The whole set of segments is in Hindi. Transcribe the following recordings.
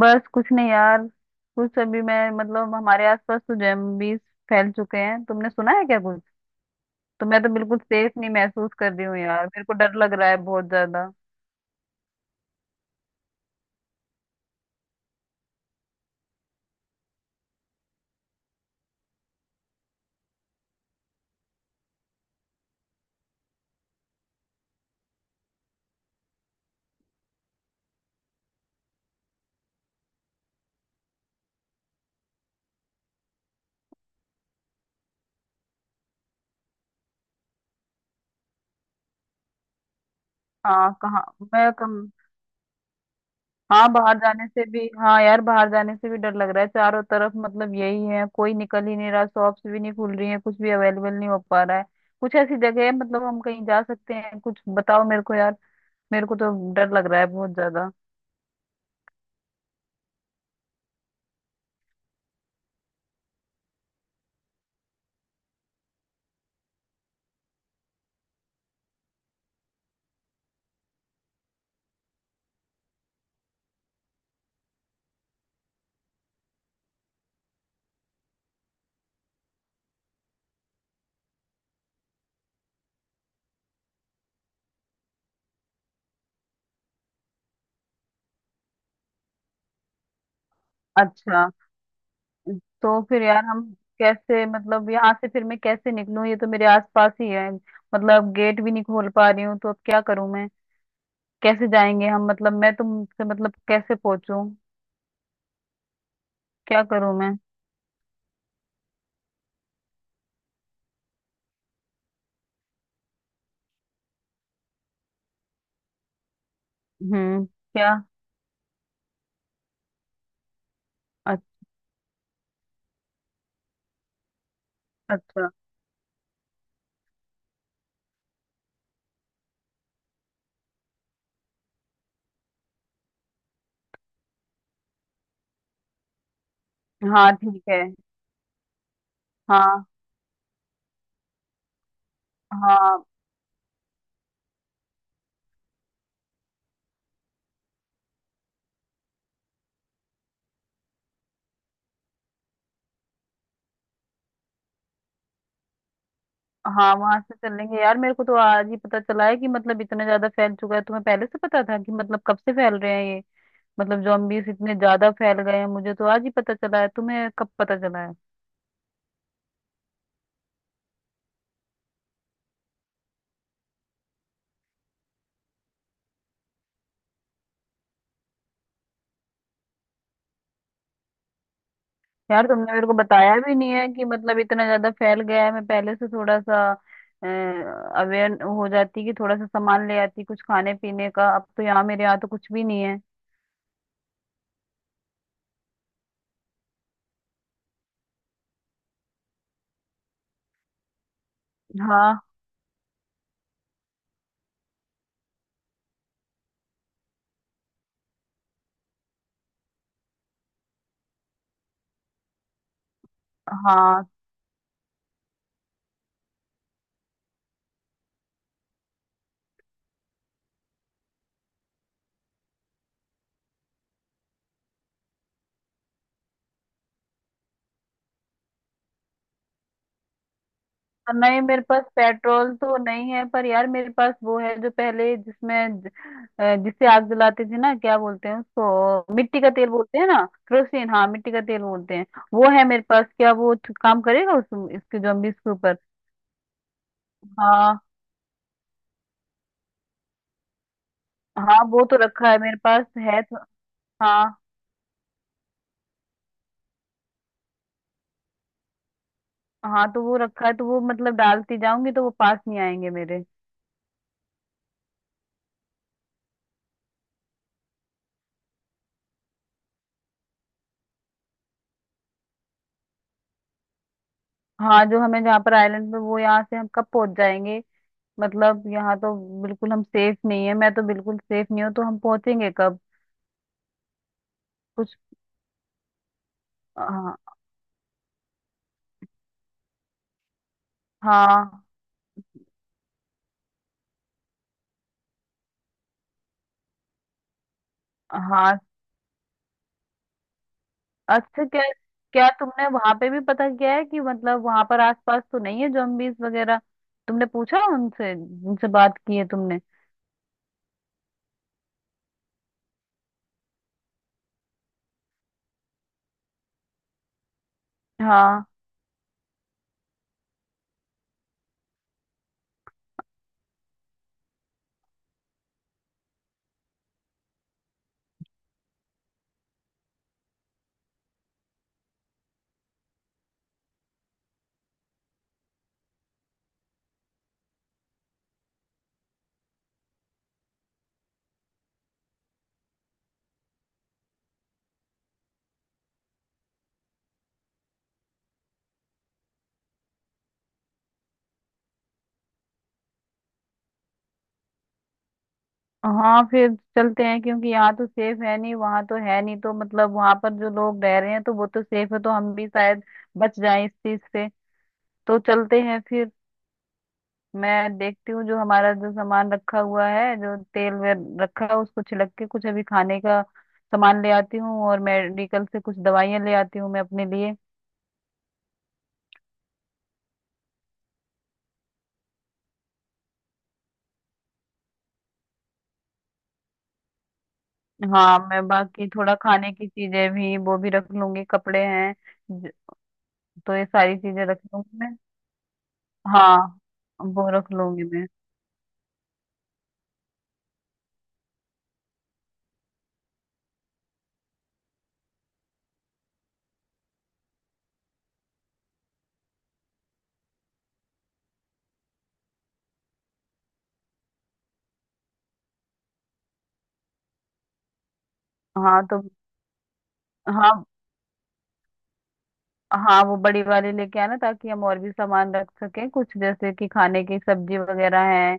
बस कुछ नहीं यार। कुछ अभी मैं मतलब हमारे आसपास तो जॉम्बीज फैल चुके हैं। तुमने सुना है क्या कुछ? तो मैं तो बिल्कुल सेफ नहीं महसूस कर रही हूँ यार, मेरे को डर लग रहा है बहुत ज्यादा। हाँ कहाँ, मैं कम, हाँ बाहर जाने से भी, हाँ यार बाहर जाने से भी डर लग रहा है। चारों तरफ मतलब यही है, कोई निकल ही नहीं रहा, शॉप्स भी नहीं खुल रही है, कुछ भी अवेलेबल नहीं हो पा रहा है। कुछ ऐसी जगह है मतलब हम कहीं जा सकते हैं? कुछ बताओ मेरे को यार, मेरे को तो डर लग रहा है बहुत ज्यादा। अच्छा, तो फिर यार हम कैसे, मतलब यहाँ से फिर मैं कैसे निकलूं? ये तो मेरे आसपास ही है, मतलब गेट भी नहीं खोल पा रही हूँ। तो अब क्या करूं मैं, कैसे जाएंगे हम, मतलब मैं तुमसे मतलब कैसे पहुंचूं? क्या करूं मैं? हम्म, क्या? अच- अच्छा। हाँ ठीक है। हाँ। हाँ। हाँ वहां से चलेंगे यार। मेरे को तो आज ही पता चला है कि मतलब इतना ज्यादा फैल चुका है। तुम्हें पहले से पता था कि मतलब कब से फैल रहे हैं ये? मतलब zombies इतने ज्यादा फैल गए हैं, मुझे तो आज ही पता चला है। तुम्हें कब पता चला है? यार तुमने मेरे को बताया भी नहीं है कि मतलब इतना ज्यादा फैल गया है। मैं पहले से थोड़ा सा अवेयर हो जाती, कि थोड़ा सा सामान ले आती कुछ खाने पीने का। अब तो यहाँ, मेरे यहाँ तो कुछ भी नहीं है। हाँ। हाँ तो नहीं, मेरे पास पेट्रोल तो नहीं है, पर यार मेरे पास वो है जो पहले, जिसमें जिससे आग जलाते थे ना, क्या बोलते हैं उसको, मिट्टी का तेल बोलते हैं ना। केरोसिन, हाँ मिट्टी का तेल बोलते हैं। वो है मेरे पास, क्या वो काम करेगा उस इसके जॉम्बिस के ऊपर? हाँ हाँ, वो तो रखा है, मेरे पास है तो। हाँ। हाँ तो वो रखा है, तो वो मतलब डालती जाऊंगी तो वो पास नहीं आएंगे मेरे। हाँ, जो हमें, जहाँ पर आइलैंड पे, वो यहाँ से हम कब पहुंच जाएंगे? मतलब यहाँ तो बिल्कुल हम सेफ नहीं है, मैं तो बिल्कुल सेफ नहीं हूँ। तो हम पहुंचेंगे कब? कुछ। हाँ। हाँ। हाँ अच्छा, क्या, क्या तुमने वहां पे भी पता किया है कि मतलब वहां पर आसपास तो नहीं है जॉम्बीज वगैरह? तुमने पूछा उनसे, उनसे बात की है तुमने? हाँ हाँ फिर चलते हैं, क्योंकि यहाँ तो सेफ है नहीं, वहाँ तो है नहीं, तो मतलब वहाँ पर जो लोग रह रहे हैं तो वो तो सेफ है, तो हम भी शायद बच जाएं इस चीज से। तो चलते हैं फिर। मैं देखती हूँ, जो हमारा जो सामान रखा हुआ है, जो तेल वेल रखा है उसको छिलक के, कुछ अभी खाने का सामान ले आती हूँ, और मेडिकल से कुछ दवाइयाँ ले आती हूँ मैं अपने लिए। हाँ मैं बाकी थोड़ा खाने की चीजें भी, वो भी रख लूंगी, कपड़े हैं। ज- तो ये सारी चीजें रख लूंगी मैं। हाँ वो रख लूंगी मैं। हाँ तो। हाँ। हाँ वो बड़ी वाली लेके आना ताकि हम और भी सामान रख सकें, कुछ जैसे कि खाने की सब्जी वगैरह है,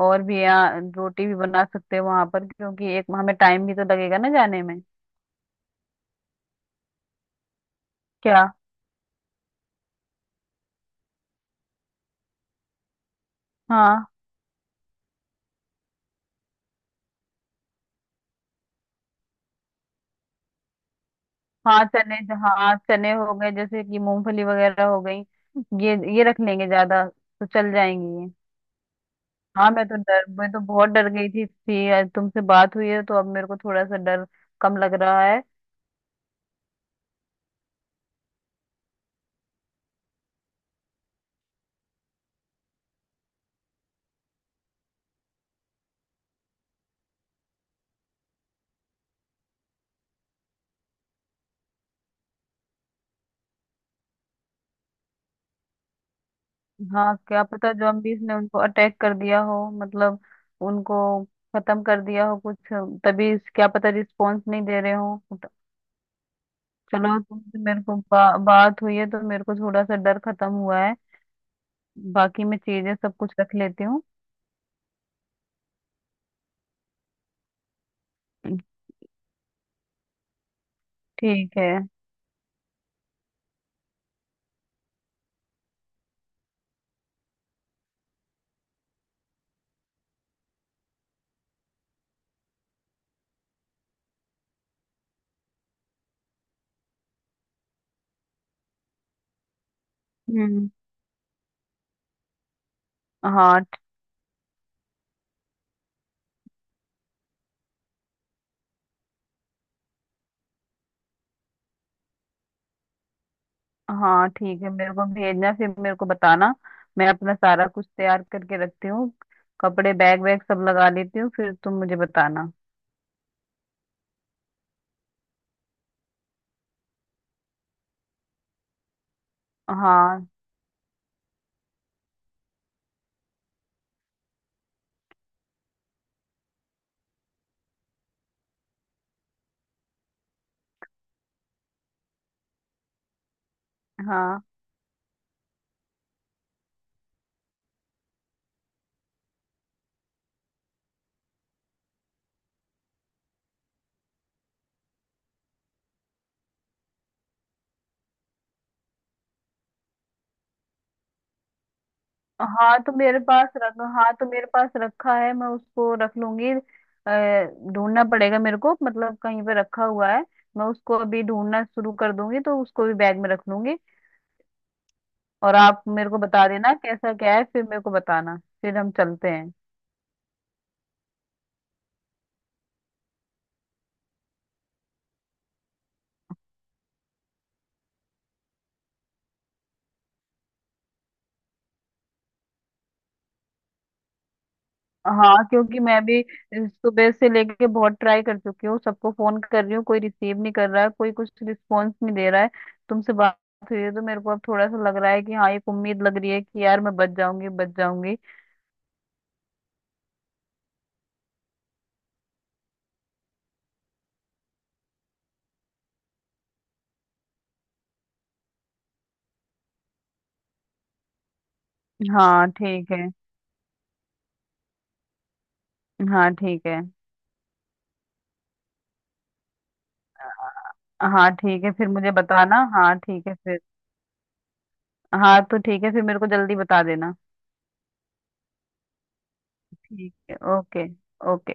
और भी यहाँ। रोटी भी बना सकते हैं वहां पर, क्योंकि एक हमें टाइम भी तो लगेगा ना जाने में। क्या? हाँ। हाँ चने, हाँ चने हो गए, जैसे कि मूंगफली वगैरह हो गई, ये रख लेंगे, ज्यादा तो चल जाएंगी ये। हाँ मैं तो डर, मैं तो बहुत डर गई थी, आज तुमसे बात हुई है तो अब मेरे को थोड़ा सा डर कम लग रहा है। हाँ क्या पता, जॉम्बीज ने उनको अटैक कर दिया हो, मतलब उनको खत्म कर दिया हो कुछ। तभी, क्या पता रिस्पांस नहीं दे रहे हो। चलो तुमसे मेरे को बा, बात हुई है तो मेरे को थोड़ा सा डर खत्म हुआ है। बाकी मैं चीजें सब कुछ रख लेती हूँ। ठीक है। हम्म। हाँ ठ- हाँ ठीक है, मेरे को भेजना, फिर मेरे को बताना। मैं अपना सारा कुछ तैयार करके रखती हूँ, कपड़े बैग वैग सब लगा लेती हूँ, फिर तुम मुझे बताना। हाँ। हाँ। हाँ तो मेरे पास रख हाँ तो मेरे पास रखा है, मैं उसको रख लूंगी। अ, ढूंढना पड़ेगा मेरे को, मतलब कहीं पे रखा हुआ है, मैं उसको अभी ढूंढना शुरू कर दूंगी, तो उसको भी बैग में रख लूंगी। और आप मेरे को बता देना कैसा क्या है, फिर मेरे को बताना। फिर हम चलते हैं। हाँ क्योंकि मैं भी सुबह से लेके बहुत ट्राई कर चुकी हूँ, सबको फोन कर रही हूँ, कोई रिसीव नहीं कर रहा है, कोई कुछ रिस्पॉन्स नहीं दे रहा है। तुमसे बात हुई है तो मेरे को अब थोड़ा सा लग रहा है कि हाँ, एक उम्मीद लग रही है कि यार मैं बच जाऊंगी, बच जाऊंगी। हाँ ठीक है। हाँ ठीक है। हाँ ठीक है फिर मुझे बताना। हाँ ठीक है फिर। हाँ तो ठीक है, फिर मेरे को जल्दी बता देना। ठीक है, ओके। ओके।